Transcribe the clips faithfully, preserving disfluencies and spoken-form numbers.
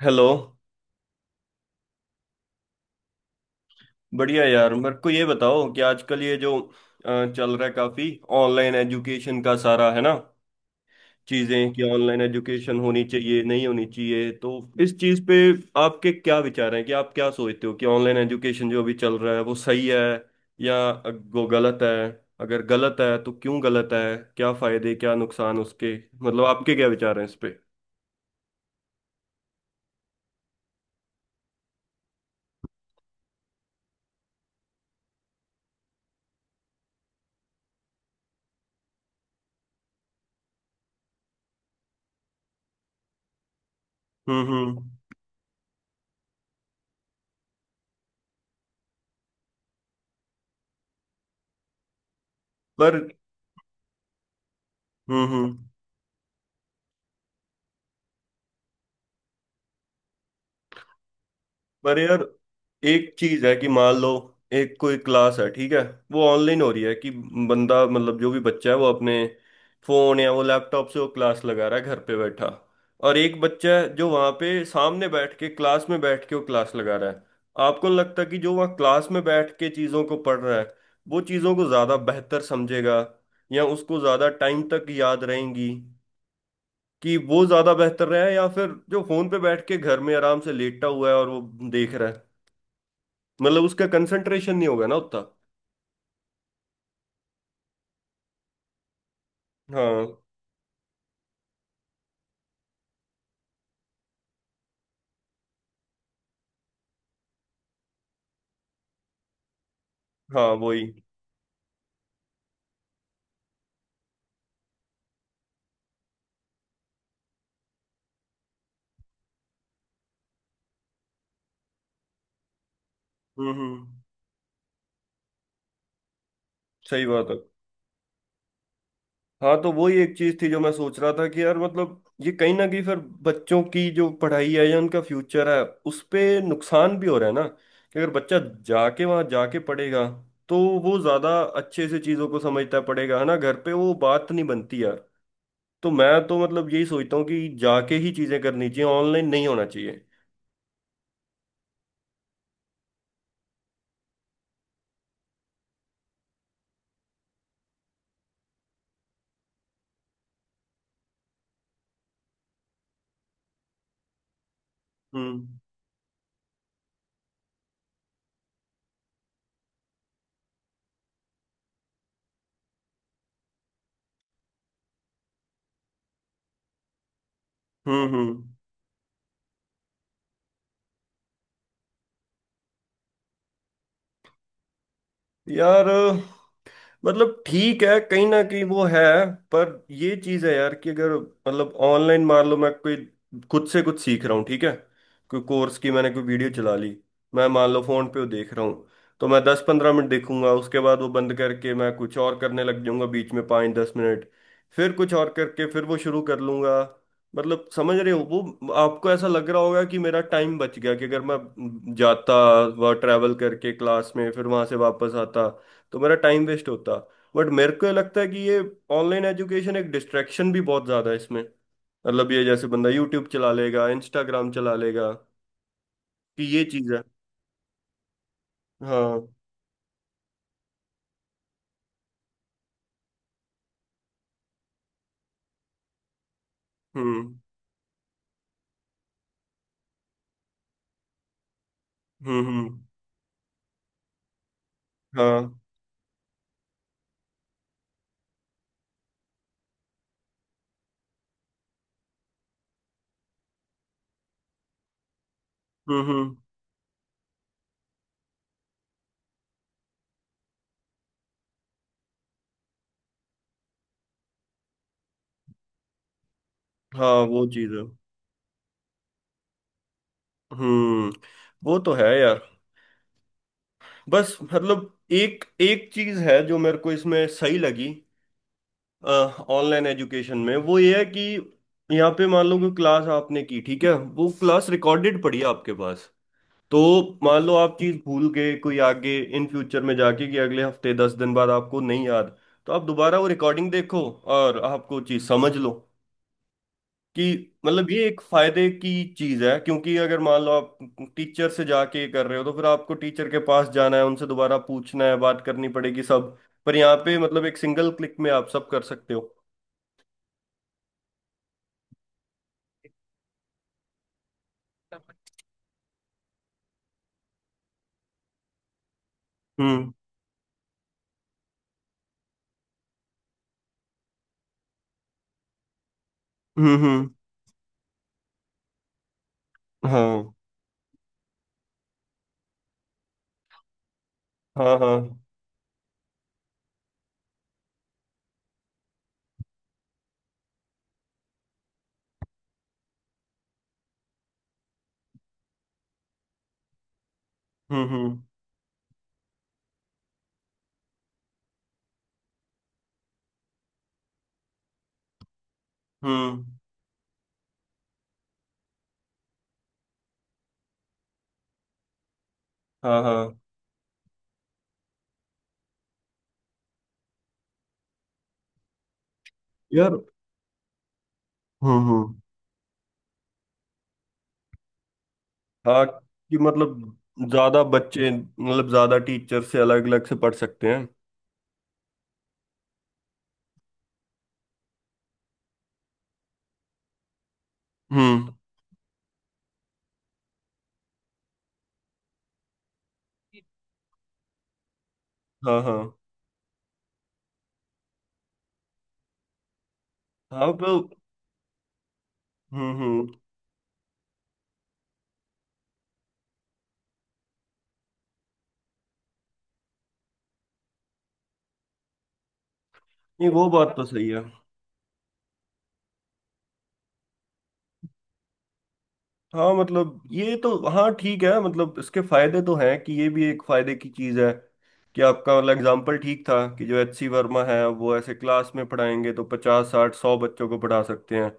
Hello. बढ़िया यार, मेरे को ये बताओ कि आजकल ये जो अ, चल रहा है काफी ऑनलाइन एजुकेशन का सारा, है ना, चीजें कि ऑनलाइन एजुकेशन होनी चाहिए नहीं होनी चाहिए। तो इस चीज पे आपके क्या विचार हैं, कि आप क्या सोचते हो कि ऑनलाइन एजुकेशन जो अभी चल रहा है वो सही है या वो गलत है? अगर गलत है तो क्यों गलत है, क्या फायदे क्या नुकसान उसके? मतलब आपके क्या विचार हैं इस पे। हम्म हम्म। पर। हम्म हम्म। पर यार, एक चीज है कि मान लो एक कोई क्लास है, ठीक है, वो ऑनलाइन हो रही है कि बंदा, मतलब जो भी बच्चा है वो अपने फोन या वो लैपटॉप से वो क्लास लगा रहा है घर पे बैठा। और एक बच्चा है जो वहां पे सामने बैठ के, क्लास में बैठ के वो क्लास लगा रहा है। आपको नहीं लगता कि जो वहाँ क्लास में बैठ के चीजों को पढ़ रहा है वो चीजों को ज्यादा बेहतर समझेगा, या उसको ज्यादा टाइम तक याद रहेंगी? कि वो ज्यादा बेहतर रहा है, या फिर जो फोन पे बैठ के घर में आराम से लेटा हुआ है और वो देख रहा है, मतलब उसका कंसंट्रेशन नहीं होगा ना उतना। हाँ हाँ वही। हम्म हम्म। सही बात है। हाँ, तो वही एक चीज थी जो मैं सोच रहा था कि यार मतलब ये कहीं ना कहीं फिर बच्चों की जो पढ़ाई है या उनका फ्यूचर है उस पे नुकसान भी हो रहा है ना, कि अगर बच्चा जाके, वहां जाके पढ़ेगा तो वो ज्यादा अच्छे से चीजों को समझता पड़ेगा, है ना, घर पे वो बात नहीं बनती यार। तो मैं तो मतलब यही सोचता हूँ कि जाके ही चीजें करनी चाहिए, ऑनलाइन नहीं होना चाहिए। हम्म हम्म हम्म। यार मतलब ठीक है, कहीं ना कहीं वो है, पर ये चीज है यार कि अगर, मतलब ऑनलाइन मान लो मैं कोई खुद से कुछ सीख रहा हूँ, ठीक है, कोई कोर्स की मैंने कोई वीडियो चला ली, मैं मान लो फोन पे वो देख रहा हूँ, तो मैं दस पंद्रह मिनट देखूंगा, उसके बाद वो बंद करके मैं कुछ और करने लग जाऊंगा, बीच में पाँच दस मिनट, फिर कुछ और करके फिर वो शुरू कर लूंगा। मतलब समझ रहे हो, वो आपको ऐसा लग रहा होगा कि मेरा टाइम बच गया, कि अगर मैं जाता, वह ट्रैवल करके क्लास में फिर वहां से वापस आता तो मेरा टाइम वेस्ट होता। बट मेरे को ये लगता है कि ये ऑनलाइन एजुकेशन एक डिस्ट्रैक्शन भी बहुत ज्यादा है इसमें। मतलब ये जैसे बंदा यूट्यूब चला लेगा, इंस्टाग्राम चला लेगा, कि ये चीज है। हाँ। हम्म हम्म। हम्म। हाँ। हम्म हम्म। हाँ, वो चीज है। हम्म। वो तो है यार। बस मतलब एक एक चीज है जो मेरे को इसमें सही लगी ऑनलाइन एजुकेशन में, वो ये है कि यहाँ पे मान लो कि क्लास आपने की, ठीक है, वो क्लास रिकॉर्डेड पड़ी है आपके पास। तो मान लो आप चीज भूल गए कोई आगे इन फ्यूचर में जाके, कि अगले हफ्ते दस दिन बाद आपको नहीं याद, तो आप दोबारा वो रिकॉर्डिंग देखो और आपको चीज समझ लो कि, मतलब ये एक फायदे की चीज है क्योंकि अगर मान लो आप टीचर से जाके कर रहे हो तो फिर आपको टीचर के पास जाना है, उनसे दोबारा पूछना है, बात करनी पड़ेगी सब। पर यहाँ पे मतलब एक सिंगल क्लिक में आप सब कर सकते हो। हम्म हम्म हम्म। हाँ हाँ हाँ। हम्म हम्म हम्म। हाँ हाँ। यार। हम्म हम्म। हाँ, कि मतलब ज्यादा बच्चे, मतलब ज्यादा टीचर से अलग अलग से पढ़ सकते हैं। हम्म। हाँ हाँ। हाँ तो। हम्म हम्म। नहीं, वो बात तो सही है। हाँ मतलब ये तो, हाँ ठीक है, मतलब इसके फायदे तो हैं कि ये भी एक फायदे की चीज है, कि आपका मतलब एग्जाम्पल ठीक था कि जो एच सी वर्मा है वो ऐसे क्लास में पढ़ाएंगे तो पचास साठ सौ बच्चों को पढ़ा सकते हैं।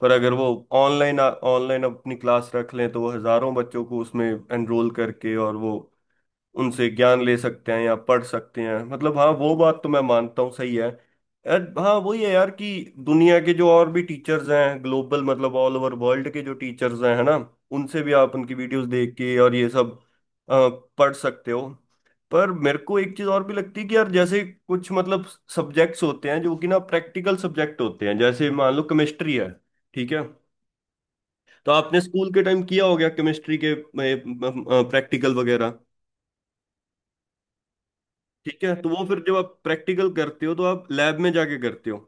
पर अगर वो ऑनलाइन ऑनलाइन अपनी क्लास रख लें तो वो हजारों बच्चों को उसमें एनरोल करके और वो उनसे ज्ञान ले सकते हैं या पढ़ सकते हैं। मतलब हाँ वो बात तो मैं मानता हूँ सही है। यार हाँ वही है यार कि दुनिया के जो और भी टीचर्स हैं, ग्लोबल, मतलब ऑल ओवर वर्ल्ड के जो टीचर्स हैं, है ना, उनसे भी आप उनकी वीडियोस देख के और ये सब अ, पढ़ सकते हो। पर मेरे को एक चीज और भी लगती है कि यार जैसे कुछ, मतलब सब्जेक्ट्स होते हैं जो कि ना प्रैक्टिकल सब्जेक्ट होते हैं, जैसे मान लो केमिस्ट्री है, ठीक है, तो आपने स्कूल के टाइम किया हो गया केमिस्ट्री के प्रैक्टिकल वगैरह, ठीक है, तो वो फिर जब आप प्रैक्टिकल करते हो तो आप लैब में जाके करते हो।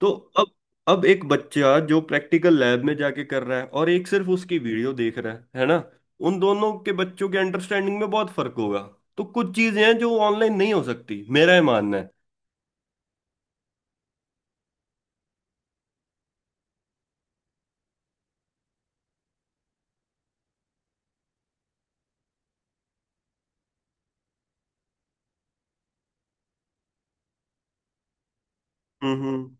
तो अब अब एक बच्चा जो प्रैक्टिकल लैब में जाके कर रहा है, और एक सिर्फ उसकी वीडियो देख रहा है है ना, उन दोनों के बच्चों के अंडरस्टैंडिंग में बहुत फर्क होगा। तो कुछ चीजें हैं जो ऑनलाइन नहीं हो सकती, मेरा ये मानना है। हम्म हम्म।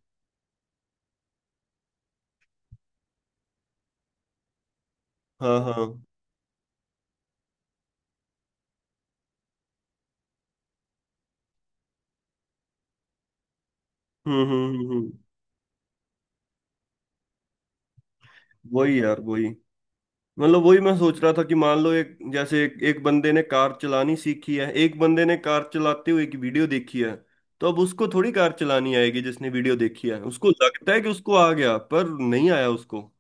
हाँ हाँ। हम्म हम्म हम्म हम्म। वही यार वही, मतलब वही मैं सोच रहा था कि मान लो एक जैसे एक, एक बंदे ने कार चलानी सीखी है, एक बंदे ने कार चलाते हुए की वीडियो देखी है, तो अब उसको थोड़ी कार चलानी आएगी? जिसने वीडियो देखी है उसको लगता है कि उसको आ गया, पर नहीं आया उसको।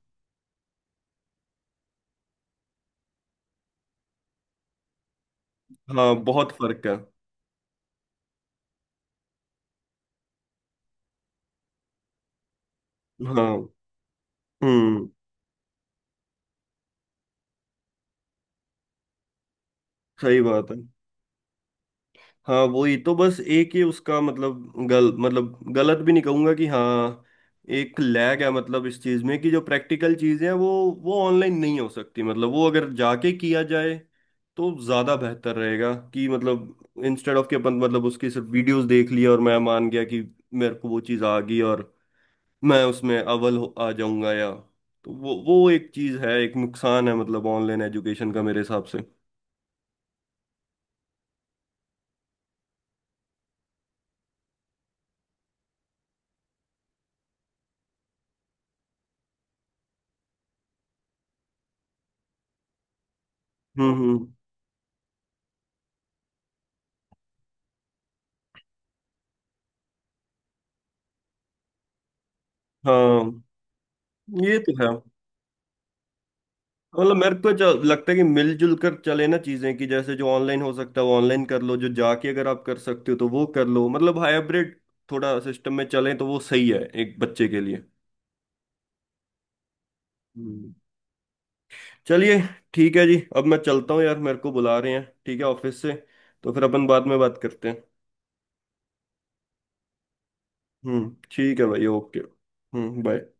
हाँ बहुत फर्क है। हाँ। हम्म। सही बात है। हाँ वही तो, बस एक ही उसका मतलब गल मतलब गलत भी नहीं कहूंगा कि, हाँ एक लैग है मतलब, इस चीज में कि जो प्रैक्टिकल चीजें हैं वो वो ऑनलाइन नहीं हो सकती, मतलब वो अगर जाके किया जाए तो ज्यादा बेहतर रहेगा, कि मतलब इंस्टेड ऑफ कि अपन, मतलब उसकी सिर्फ वीडियोस देख लिया और मैं मान गया कि मेरे को वो चीज आ गई और मैं उसमें अव्वल हो- आ जाऊंगा या, तो वो वो एक चीज है, एक नुकसान है मतलब ऑनलाइन एजुकेशन का मेरे हिसाब से। हम्म हम्म। हाँ, ये तो है। मतलब मेरे को जो लगता है कि मिलजुल कर चले ना चीजें, कि जैसे जो ऑनलाइन हो सकता है वो ऑनलाइन कर लो, जो जाके अगर आप कर सकते हो तो वो कर लो, मतलब हाइब्रिड थोड़ा सिस्टम में चले तो वो सही है एक बच्चे के लिए। हम्म। चलिए, ठीक है जी, अब मैं चलता हूँ यार, मेरे को बुला रहे हैं, ठीक है, ऑफिस से, तो फिर अपन बाद में बात करते हैं। हम्म ठीक है भाई, ओके, हम्म, बाय।